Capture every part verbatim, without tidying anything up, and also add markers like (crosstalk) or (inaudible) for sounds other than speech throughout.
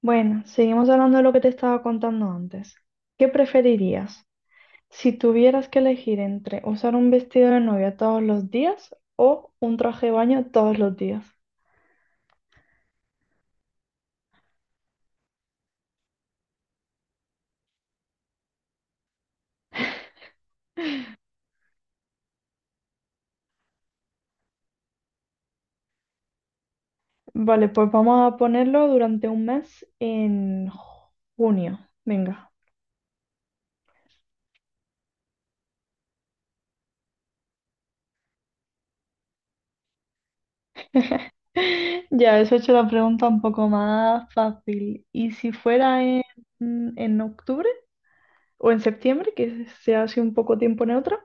Bueno, seguimos hablando de lo que te estaba contando antes. ¿Qué preferirías? Si tuvieras que elegir entre usar un vestido de novia todos los días o un traje de baño todos los días. Vale, pues vamos a ponerlo durante un mes en junio. Venga. (laughs) Ya, eso he hecho la pregunta un poco más fácil. ¿Y si fuera en, en octubre o en septiembre, que sea así un poco tiempo neutro?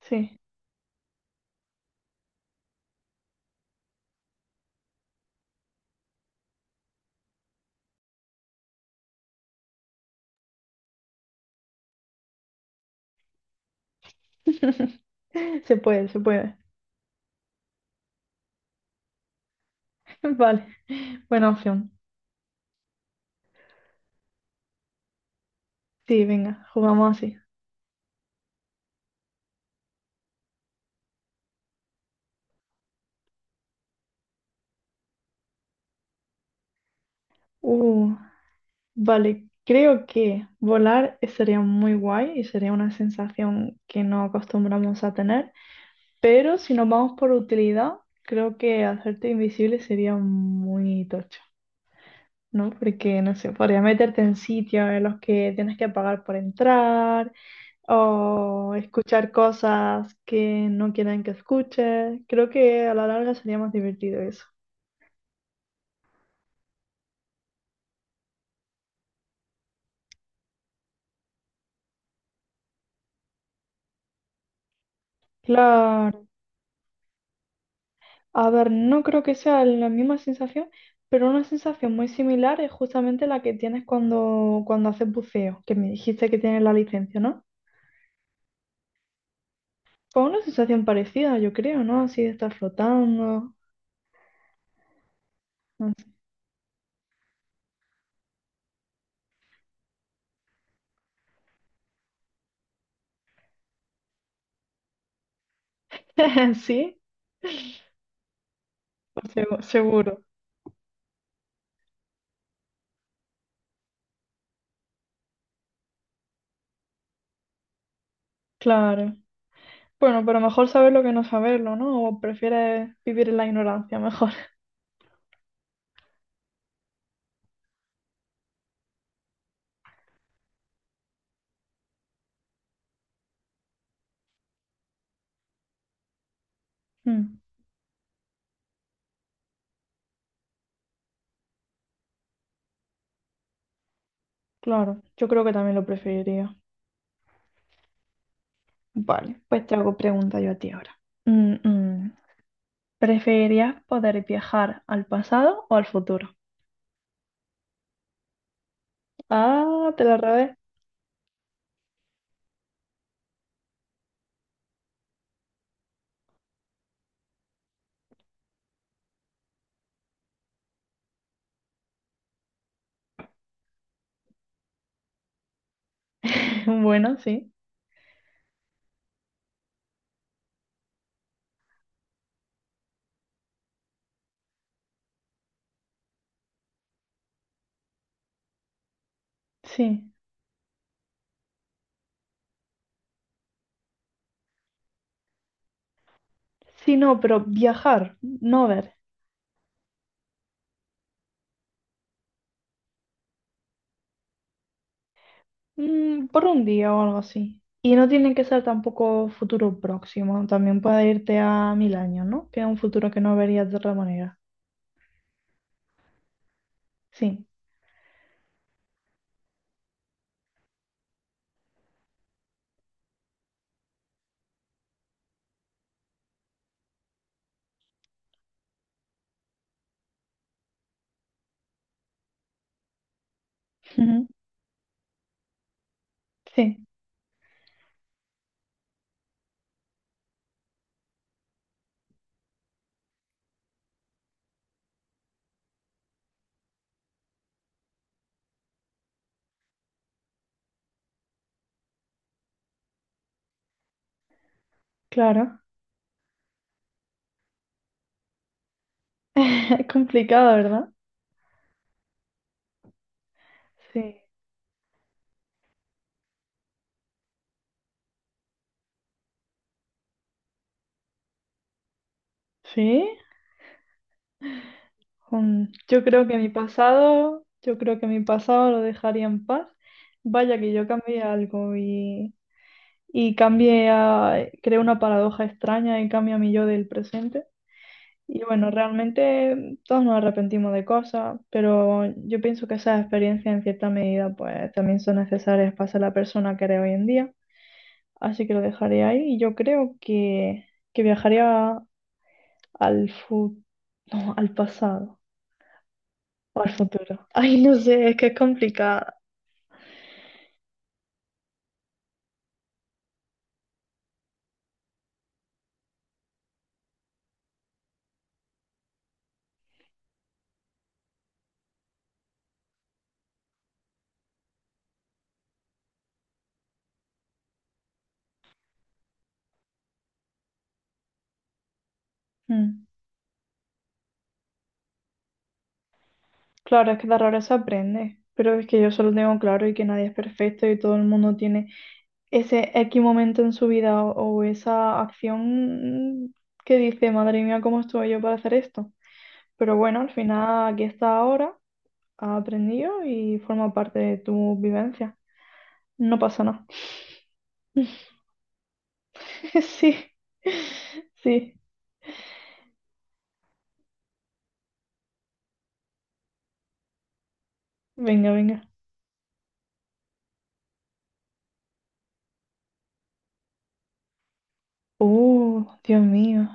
Sí, (laughs) se puede, se puede. (laughs) Vale. Buena opción. Sí, venga, jugamos así. Uh, vale, creo que volar sería muy guay y sería una sensación que no acostumbramos a tener, pero si nos vamos por utilidad, creo que hacerte invisible sería muy tocho, ¿no? Porque, no sé, podría meterte en sitios en los que tienes que pagar por entrar o escuchar cosas que no quieren que escuches. Creo que a la larga sería más divertido eso. Claro. A ver, no creo que sea la misma sensación, pero una sensación muy similar es justamente la que tienes cuando, cuando haces buceo, que me dijiste que tienes la licencia, ¿no? Pues una sensación parecida, yo creo, ¿no? Así de estar flotando. No sé. (laughs) Sí, pues segu- seguro, claro. Bueno, pero mejor saberlo que no saberlo, ¿no? O prefieres vivir en la ignorancia, mejor. (laughs) Mm, claro, yo creo que también lo preferiría. Vale, pues te hago pregunta yo a ti ahora. Mm, mm. ¿Preferirías poder viajar al pasado o al futuro? Ah, te la robé. (laughs) Bueno, sí. Sí. Sí, no, pero viajar, no ver. Mm, por un día o algo así. Y no tiene que ser tampoco futuro próximo. También puede irte a mil años, ¿no? Que es un futuro que no verías de otra manera. Sí. Ujú. Sí, claro. (laughs) Es complicado, ¿verdad? Sí. ¿Sí? Mm. Yo creo que mi pasado, yo creo que mi pasado lo dejaría en paz. Vaya que yo cambié algo y, y cambié a, eh, creé una paradoja extraña y cambié a mi yo del presente. Y bueno, realmente mm, todos nos arrepentimos de cosas, pero yo pienso que esas experiencias en cierta medida pues también son necesarias para ser la persona que eres hoy en día. Así que lo dejaré ahí y yo creo que, que viajaría al fu- no, al pasado. O al futuro. Ay, no sé, es que es complicada. Mm. Claro, es que de errores se aprende, pero es que yo solo tengo claro y que nadie es perfecto y todo el mundo tiene ese X momento en su vida o, o esa acción que dice, madre mía, ¿cómo estuve yo para hacer esto? Pero bueno, al final aquí está ahora, ha aprendido y forma parte de tu vivencia. No pasa nada. (laughs) Sí, sí. Venga, venga. Uh, Dios mío.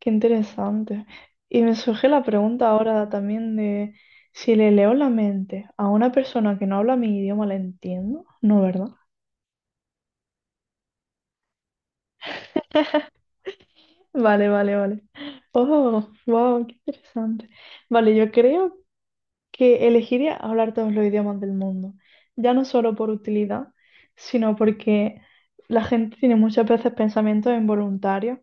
Qué interesante. Y me surge la pregunta ahora también de si le leo la mente a una persona que no habla mi idioma, ¿la entiendo? No, ¿verdad? Vale, vale, vale. Oh, wow, qué interesante. Vale, yo creo que elegiría hablar todos los idiomas del mundo, ya no solo por utilidad, sino porque la gente tiene muchas veces pensamientos involuntarios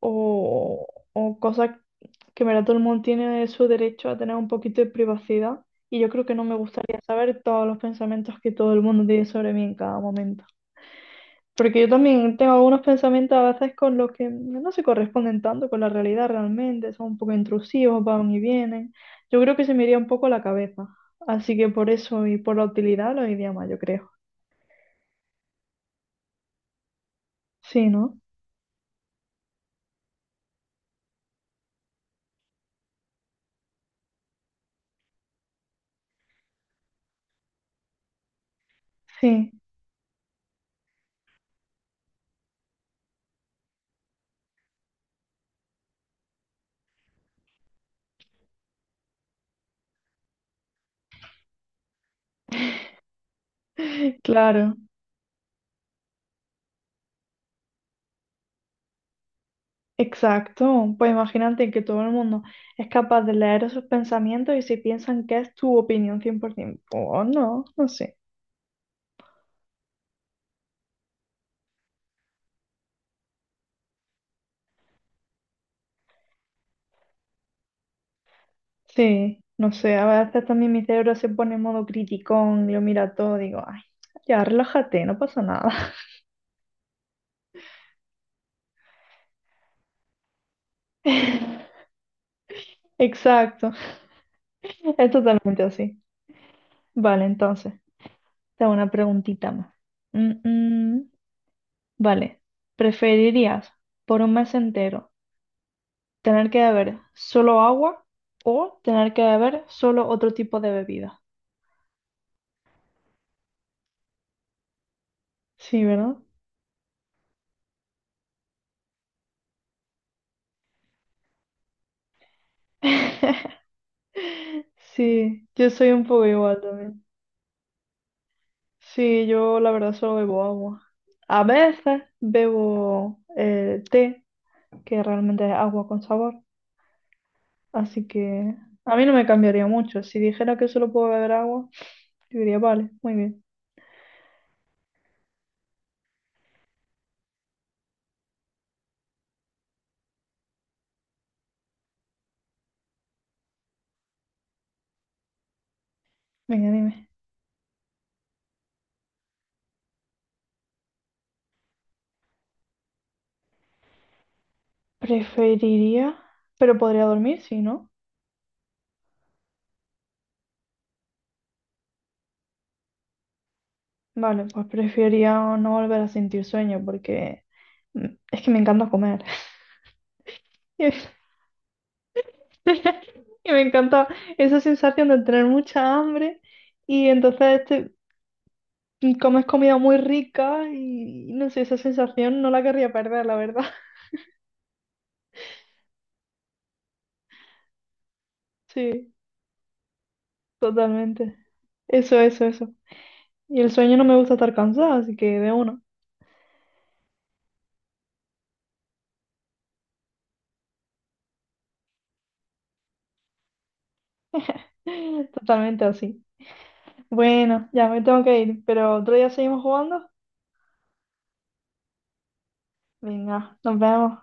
o, o cosas que en verdad todo el mundo tiene su derecho a tener un poquito de privacidad y yo creo que no me gustaría saber todos los pensamientos que todo el mundo tiene sobre mí en cada momento. Porque yo también tengo algunos pensamientos a veces con los que no se corresponden tanto con la realidad realmente, son un poco intrusivos, van y vienen. Yo creo que se me iría un poco la cabeza. Así que por eso y por la utilidad lo iría más, yo creo. Sí, ¿no? Sí, (laughs) claro. Exacto, pues imagínate que todo el mundo es capaz de leer esos pensamientos y si piensan que es tu opinión cien por ciento, o no, no sé. Sí, no sé, a veces también mi cerebro se pone en modo criticón, lo mira todo, digo, ay, ya relájate, no pasa nada. (laughs) Exacto, es totalmente así. Vale, entonces, te hago una preguntita más. Mm, mm, Vale, ¿preferirías por un mes entero? Tener que beber solo agua o tener que beber solo otro tipo de bebida. Sí, ¿verdad? (laughs) Sí, yo soy un poco igual también. Sí, yo la verdad solo bebo agua. A veces bebo eh, té, que realmente es agua con sabor. Así que a mí no me cambiaría mucho. Si dijera que solo puedo beber agua, yo diría, vale, muy bien. Venga, dime. Preferiría, pero podría dormir, sí, ¿no? Vale, pues prefería no volver a sentir sueño porque mm, es que me encanta comer. (laughs) Y, y me encanta esa sensación de tener mucha hambre y entonces te- comes comida muy rica y no sé, esa sensación no la querría perder, la verdad. (laughs) Sí, totalmente. Eso, eso, eso. Y el sueño no me gusta estar cansada, así que de uno. (laughs) Totalmente así. Bueno, ya me tengo que ir, pero otro día seguimos jugando. Venga, nos vemos.